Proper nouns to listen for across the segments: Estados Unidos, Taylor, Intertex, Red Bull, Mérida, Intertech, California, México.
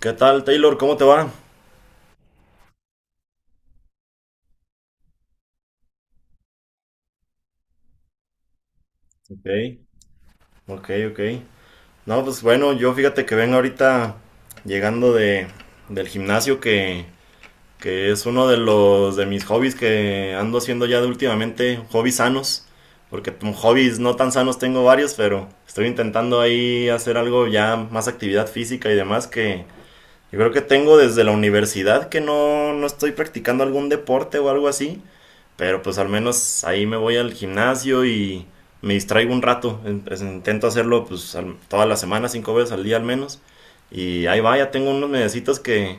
¿Qué tal, Taylor? ¿Cómo te va? Ok. Ok, ok. No, pues bueno, yo fíjate que vengo ahorita llegando del gimnasio que es uno de los de mis hobbies que ando haciendo ya de últimamente, hobbies sanos, porque hobbies no tan sanos tengo varios, pero estoy intentando ahí hacer algo ya más actividad física y demás que yo creo que tengo desde la universidad que no, no estoy practicando algún deporte o algo así. Pero pues al menos ahí me voy al gimnasio y me distraigo un rato. Pues, intento hacerlo pues toda la semana, cinco veces al día al menos. Y ahí va, ya tengo unos mesecitos que,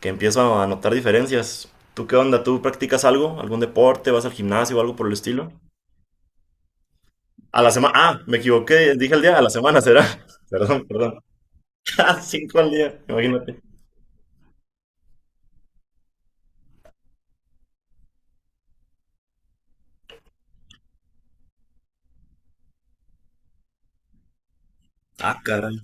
que empiezo a notar diferencias. ¿Tú qué onda? ¿Tú practicas algo? ¿Algún deporte? ¿Vas al gimnasio o algo por el estilo? A la semana. Ah, me equivoqué. Dije al día. A la semana será. Perdón, perdón. Cinco al día. Imagínate. Ah, caray.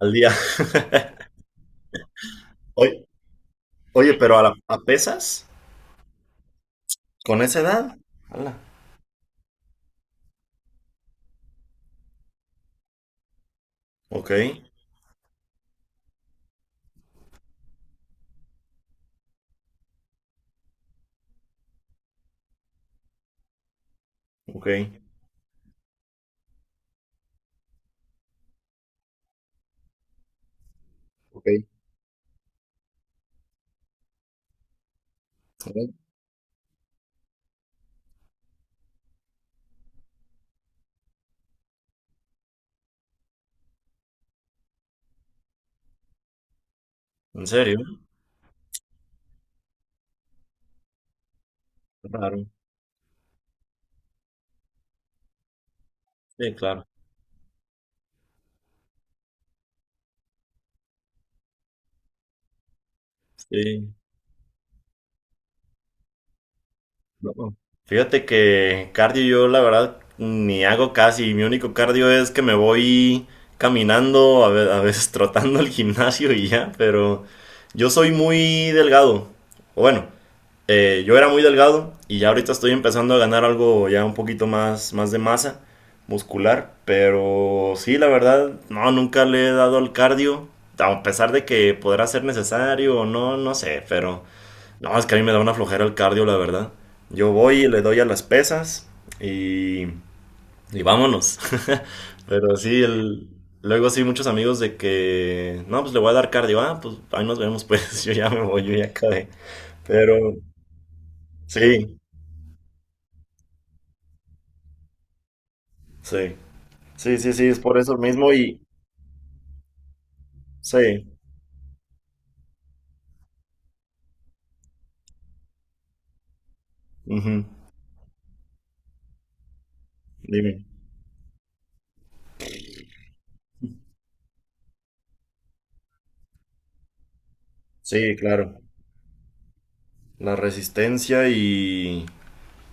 Al día. Oye, oye, pero a pesas con esa edad. Hala. Ok. Ok, ok. Ok. ¿En serio? Claro. Sí, claro. Sí. No, no. Fíjate que cardio yo la verdad ni hago casi. Mi único cardio es que me voy caminando, a veces trotando al gimnasio y ya, pero yo soy muy delgado. Bueno, eh, yo era muy delgado y ya ahorita estoy empezando a ganar algo ya un poquito más, más de masa muscular, pero sí, la verdad, no, nunca le he dado al cardio, a pesar de que podrá ser necesario o no, no sé, pero no, es que a mí me da una flojera el cardio, la verdad. Yo voy y le doy a las pesas y, y vámonos. Pero sí, el, luego sí, muchos amigos de que, no, pues le voy a dar cardio, ah, pues ahí nos vemos, pues yo ya me voy, yo ya acabé. Pero sí, sí, sí, sí, sí, es por eso mismo y sí, ujú, dime, sí, claro, la resistencia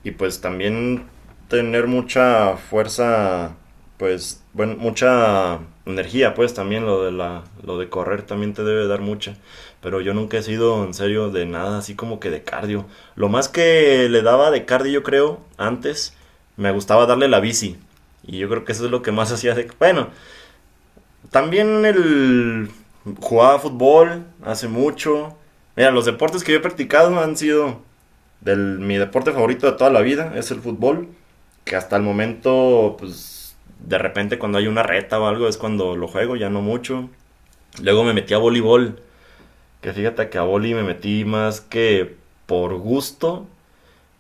y pues también tener mucha fuerza, pues, bueno, mucha energía, pues también lo de la, lo de correr también te debe dar mucha, pero yo nunca he sido en serio de nada así como que de cardio, lo más que le daba de cardio yo creo antes, me gustaba darle la bici. Y yo creo que eso es lo que más hacía de... Bueno, también el jugaba fútbol hace mucho. Mira, los deportes que yo he practicado han sido mi deporte favorito de toda la vida, es el fútbol, que hasta el momento, pues, de repente cuando hay una reta o algo es cuando lo juego, ya no mucho. Luego me metí a voleibol, que fíjate que a voleibol me metí más que por gusto,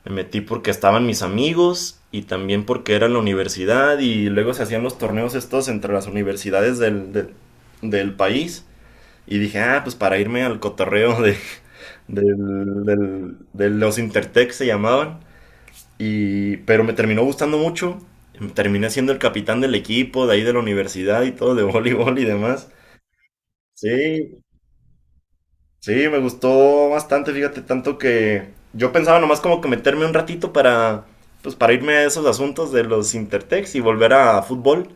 me metí porque estaban mis amigos y también porque era la universidad y luego se hacían los torneos estos entre las universidades del país. Y dije, ah, pues para irme al cotorreo de, de los Intertech se llamaban. Y, pero me terminó gustando mucho. Terminé siendo el capitán del equipo, de ahí de la universidad y todo, de voleibol y demás. Sí, sí, me gustó bastante, fíjate, tanto que yo pensaba nomás como que meterme un ratito para, pues para irme a esos asuntos de los Intertex y volver a fútbol,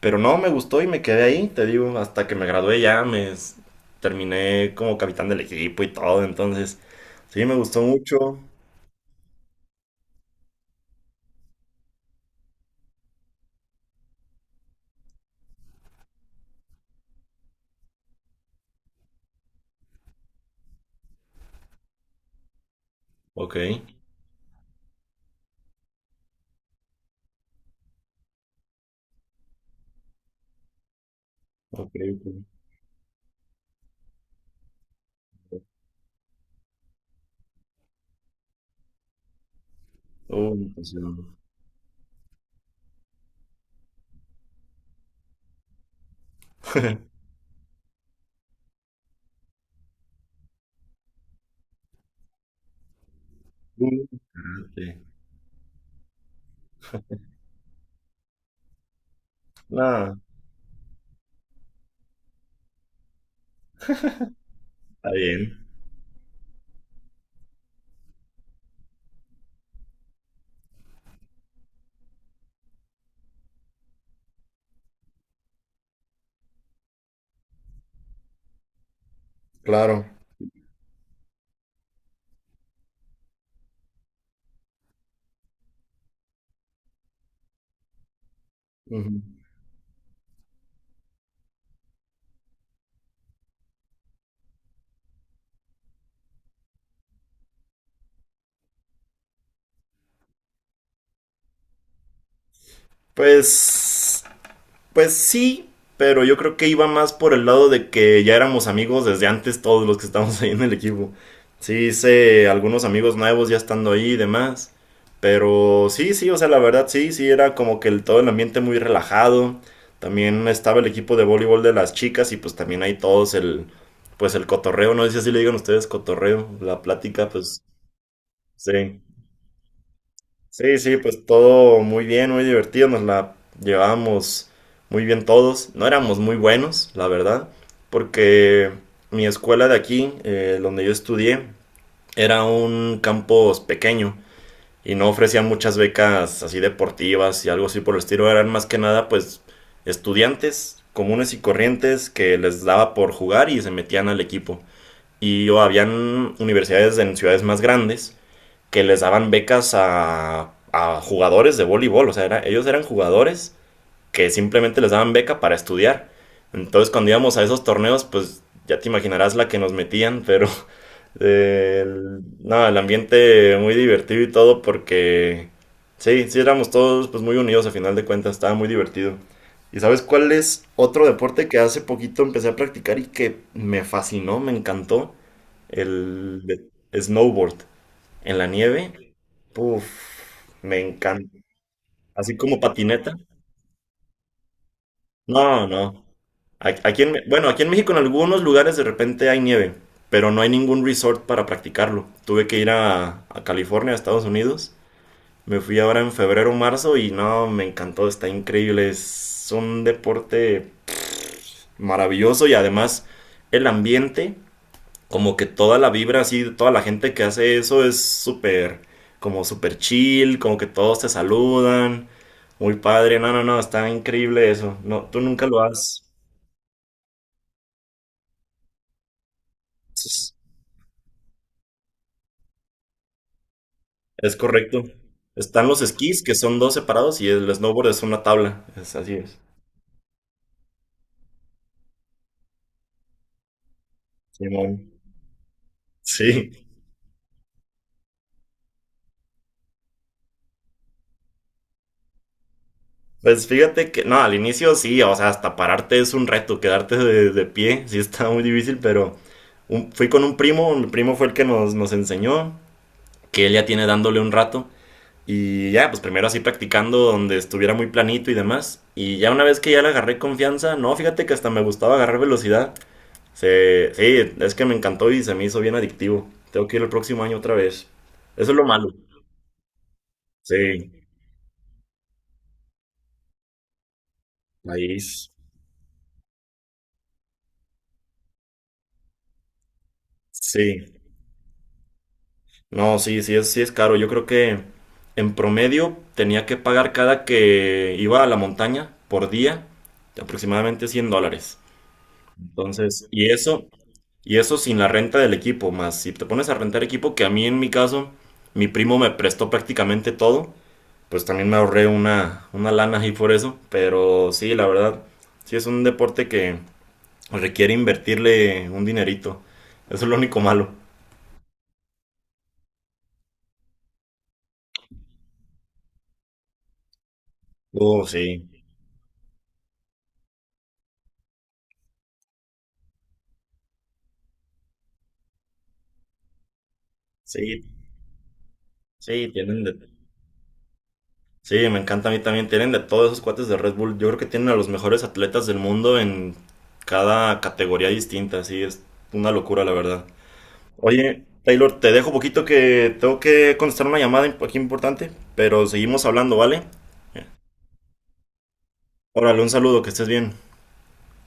pero no, me gustó y me quedé ahí, te digo, hasta que me gradué ya, terminé como capitán del equipo y todo, entonces, sí, me gustó mucho. Ok, ok, ok. Me emociono. Uh, sí. Nada, está bien. Claro. Ujú. Pues Pues sí, pero yo creo que iba más por el lado de que ya éramos amigos desde antes todos los que estábamos ahí en el equipo. Sí hice algunos amigos nuevos ya estando ahí y demás. Pero sí, sí, o sea, la verdad sí, sí, era como que todo el ambiente muy relajado. También estaba el equipo de voleibol de las chicas y pues también ahí todos pues el cotorreo, no sé si así le digan ustedes cotorreo, la plática, pues sí. Sí, sí, pues todo muy bien, muy divertido, nos la llevábamos muy bien todos. No éramos muy buenos, la verdad, porque mi escuela de aquí, donde yo estudié, era un campus pequeño y no ofrecía muchas becas así deportivas y algo así por el estilo. Eran más que nada, pues, estudiantes comunes y corrientes que les daba por jugar y se metían al equipo. Y o habían universidades en ciudades más grandes que les daban becas a jugadores de voleibol. O sea, ellos eran jugadores que simplemente les daban beca para estudiar. Entonces, cuando íbamos a esos torneos, pues ya te imaginarás la que nos metían, pero no, el ambiente muy divertido y todo porque sí, sí éramos todos pues muy unidos a final de cuentas, estaba muy divertido. ¿Y sabes cuál es otro deporte que hace poquito empecé a practicar y que me fascinó, me encantó? El de- snowboard en la nieve. Puf, me encanta. Así como patineta. No, no. A- aquí en, bueno, aquí en México en algunos lugares de repente hay nieve, pero no hay ningún resort para practicarlo. Tuve que ir a California, a Estados Unidos. Me fui ahora en febrero o marzo y no, me encantó, está increíble. Es un deporte maravilloso y además el ambiente como que toda la vibra así, de toda la gente que hace eso es súper, como súper chill, como que todos te saludan, muy padre, no, no, no, está increíble eso, no, tú nunca lo has, es, es correcto. Están los esquís que son dos separados y el snowboard es una tabla, es así es. Simón. Sí, pues fíjate que, no, al inicio sí, o sea, hasta pararte es un reto, quedarte de pie, sí está muy difícil, pero fui con un primo, mi primo fue el que nos enseñó que él ya tiene dándole un rato. Y ya, pues primero así practicando donde estuviera muy planito y demás. Y ya una vez que ya le agarré confianza, no, fíjate que hasta me gustaba agarrar velocidad. Sí, es que me encantó y se me hizo bien adictivo. Tengo que ir el próximo año otra vez. Eso es lo malo. Sí, país. Sí. No, sí, sí es caro. Yo creo que en promedio tenía que pagar cada que iba a la montaña por día aproximadamente $100. Entonces, y eso, y eso sin la renta del equipo, más si te pones a rentar equipo, que a mí en mi caso, mi primo me prestó prácticamente todo, pues también me ahorré una lana ahí por eso. Pero sí, la verdad, sí es un deporte que requiere invertirle un dinerito. Eso es lo único malo. Oh, sí, sí, sí, tienen de... Sí, me encanta a mí también. Tienen de todos esos cuates de Red Bull. Yo creo que tienen a los mejores atletas del mundo en cada categoría distinta. Sí, es una locura, la verdad. Oye, Taylor, te dejo poquito que tengo que contestar una llamada aquí importante, pero seguimos hablando, ¿vale? Órale, un saludo, que estés bien.